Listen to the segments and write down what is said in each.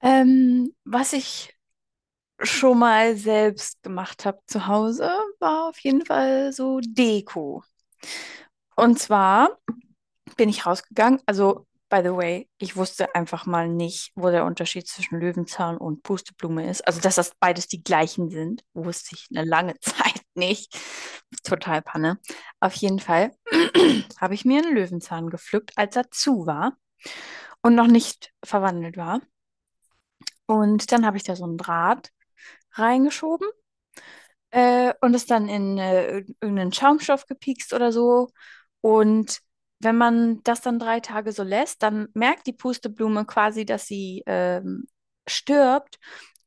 Was ich schon mal selbst gemacht habe zu Hause, war auf jeden Fall so Deko. Und zwar bin ich rausgegangen, also by the way, ich wusste einfach mal nicht, wo der Unterschied zwischen Löwenzahn und Pusteblume ist. Also, dass das beides die gleichen sind, wusste ich eine lange Zeit nicht. Total Panne. Auf jeden Fall habe ich mir einen Löwenzahn gepflückt, als er zu war und noch nicht verwandelt war. Und dann habe ich da so einen Draht reingeschoben und es dann in irgendeinen Schaumstoff gepiekst oder so. Und wenn man das dann drei Tage so lässt, dann merkt die Pusteblume quasi, dass sie stirbt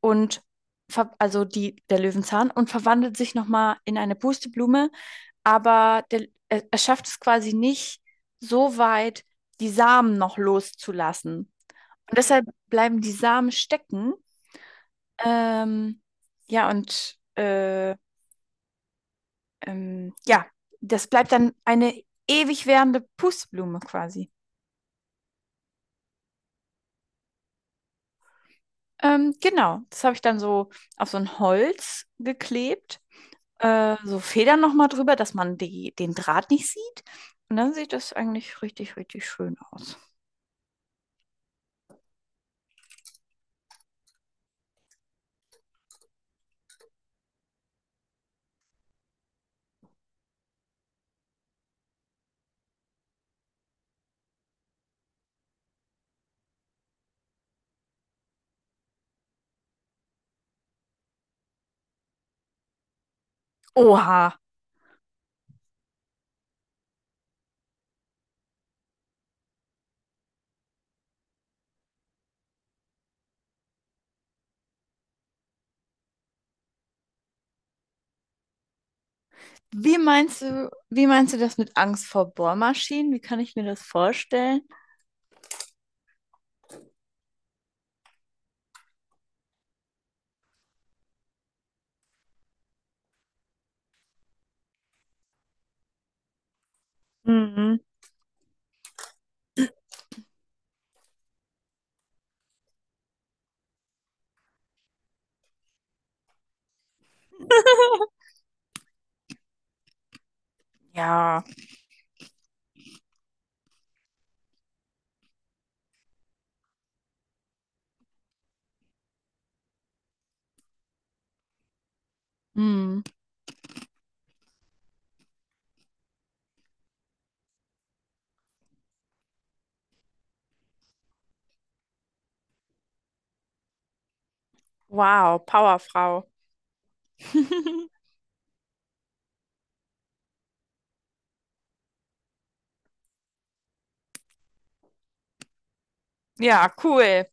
und also der Löwenzahn und verwandelt sich nochmal in eine Pusteblume, aber er schafft es quasi nicht so weit, die Samen noch loszulassen. Und deshalb bleiben die Samen stecken. Ähm, ja, und äh, ja, das bleibt dann eine ewig währende Pustblume quasi. Genau, das habe ich dann so auf so ein Holz geklebt, so Federn nochmal drüber, dass man den Draht nicht sieht. Und dann sieht das eigentlich richtig, richtig schön aus. Oha, wie meinst du das mit Angst vor Bohrmaschinen? Wie kann ich mir das vorstellen? Mhm. Ja, mm. Wow, Powerfrau. Ja, cool.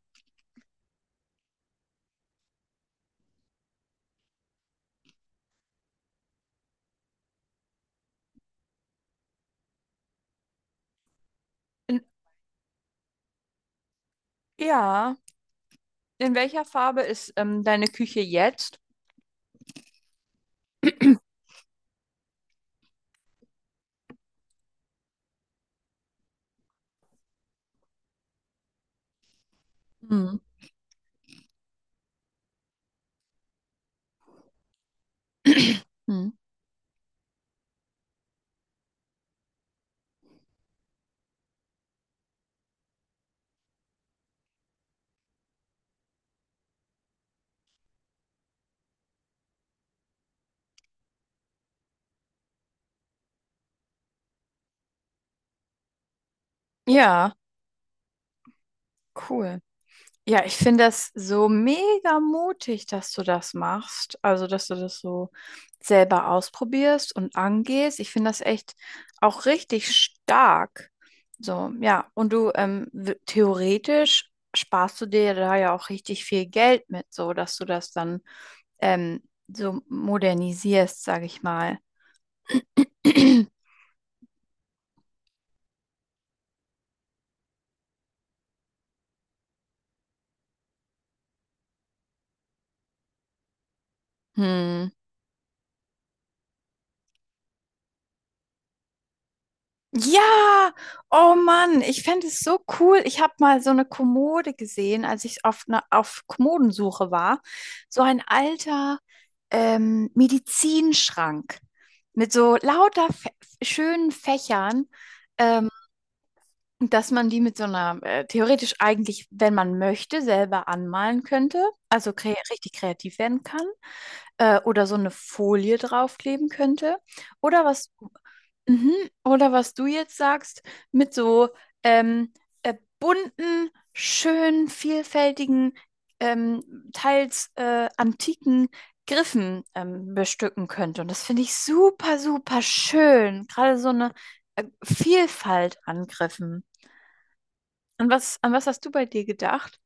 Ja, in welcher Farbe ist deine Küche jetzt? Mhm. Mhm. Ja, cool. Ja, ich finde das so mega mutig, dass du das machst. Also, dass du das so selber ausprobierst und angehst. Ich finde das echt auch richtig stark. So, ja. Und du, theoretisch sparst du dir da ja auch richtig viel Geld mit, so dass du das dann ähm, so modernisierst, sage ich mal. Hm. Ja, oh Mann, ich fände es so cool. Ich habe mal so eine Kommode gesehen, als ich auf, ne, auf Kommodensuche war. So ein alter Medizinschrank mit so lauter Fä schönen Fächern. ähm, Dass man die mit so einer theoretisch eigentlich, wenn man möchte, selber anmalen könnte, also kre richtig kreativ werden kann, oder so eine Folie draufkleben könnte, oder was, mhm, oder was du jetzt sagst, mit so ähm, äh, bunten, schönen, vielfältigen, teils antiken Griffen bestücken könnte. Und das finde ich super, super schön. Gerade so eine Vielfalt an Griffen. An was hast du bei dir gedacht?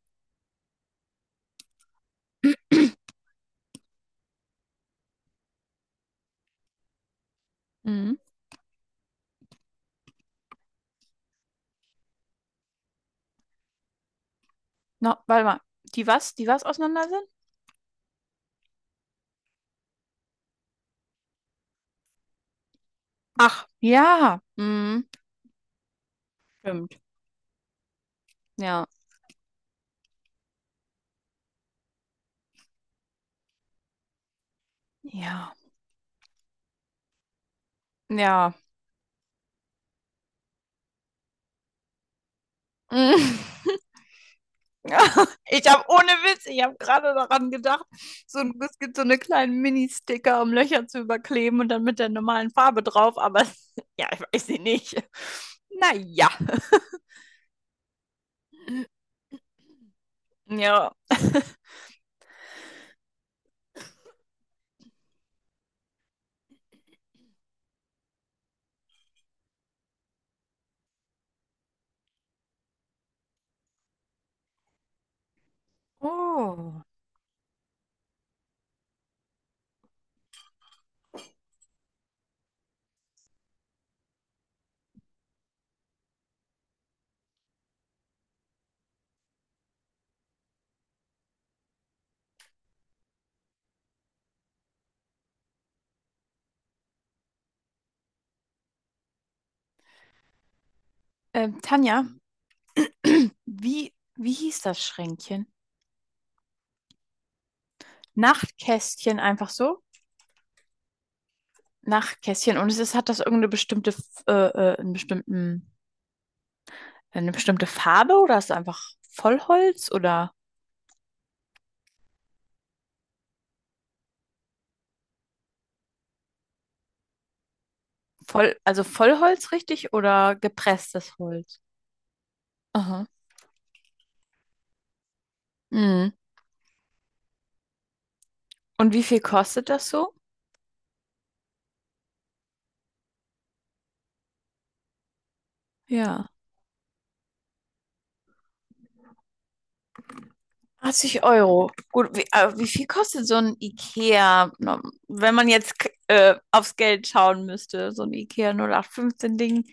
Mhm. No, warte mal. Die was? Die was auseinander sind? Ach, ja. Mhm. Stimmt. Ja. Ja. Ja. Mhm. Ich habe ohne Witz, ich habe gerade daran gedacht, es gibt so eine kleinen Mini-Sticker, um Löcher zu überkleben und dann mit der normalen Farbe drauf, aber ja, ich weiß sie nicht. Naja. Ja. Oh. Tanja, wie hieß das Schränkchen? Nachtkästchen einfach so? Nach Kästchen. Und es ist, hat das irgendeine bestimmte, F- einen bestimmten, eine bestimmte Farbe oder ist es einfach Vollholz oder voll, also Vollholz richtig oder gepresstes Holz? Aha. Mhm. Und wie viel kostet das so? Ja. 80 Euro. Gut, wie viel kostet so ein IKEA, na, wenn man jetzt aufs Geld schauen müsste, so ein IKEA 0815-Ding?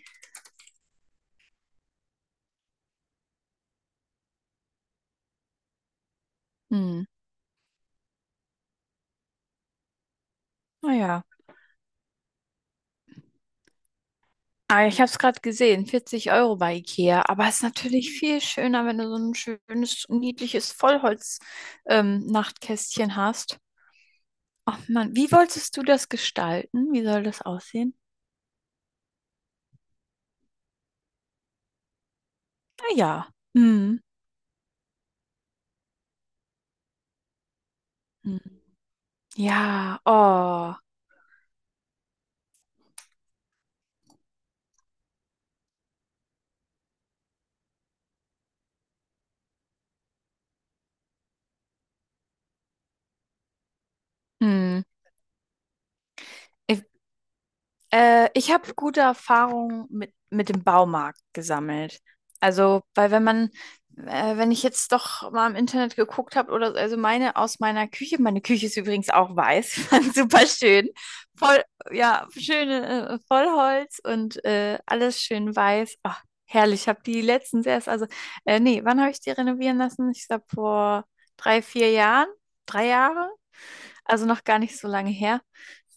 Hm. Naja. Ah, ich habe es gerade gesehen, 40 € bei Ikea. Aber es ist natürlich viel schöner, wenn du so ein schönes, niedliches Vollholz-Nachtkästchen hast. Ach Mann, wie wolltest du das gestalten? Wie soll das aussehen? Naja. Hm. Hm. Ja, oh. Hm. Äh, ich habe gute Erfahrungen mit dem Baumarkt gesammelt. Also, weil wenn man, wenn ich jetzt doch mal im Internet geguckt habe oder so, also meine Küche ist übrigens auch weiß, fand super schön, voll, ja, schöne Vollholz und alles schön weiß. Ach, herrlich, ich habe die letztens erst, also, wann habe ich die renovieren lassen? Ich glaube vor drei, vier Jahren, drei Jahre, also noch gar nicht so lange her.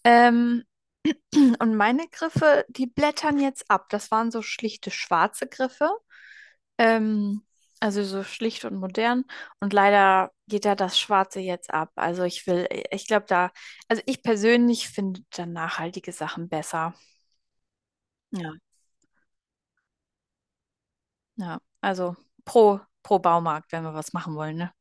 Ähm, und meine Griffe, die blättern jetzt ab. Das waren so schlichte schwarze Griffe. Ähm, also so schlicht und modern. Und leider geht da das Schwarze jetzt ab. Also ich glaube da, also ich persönlich finde dann nachhaltige Sachen besser. Ja, ja. Also pro Baumarkt, wenn wir was machen wollen, ne?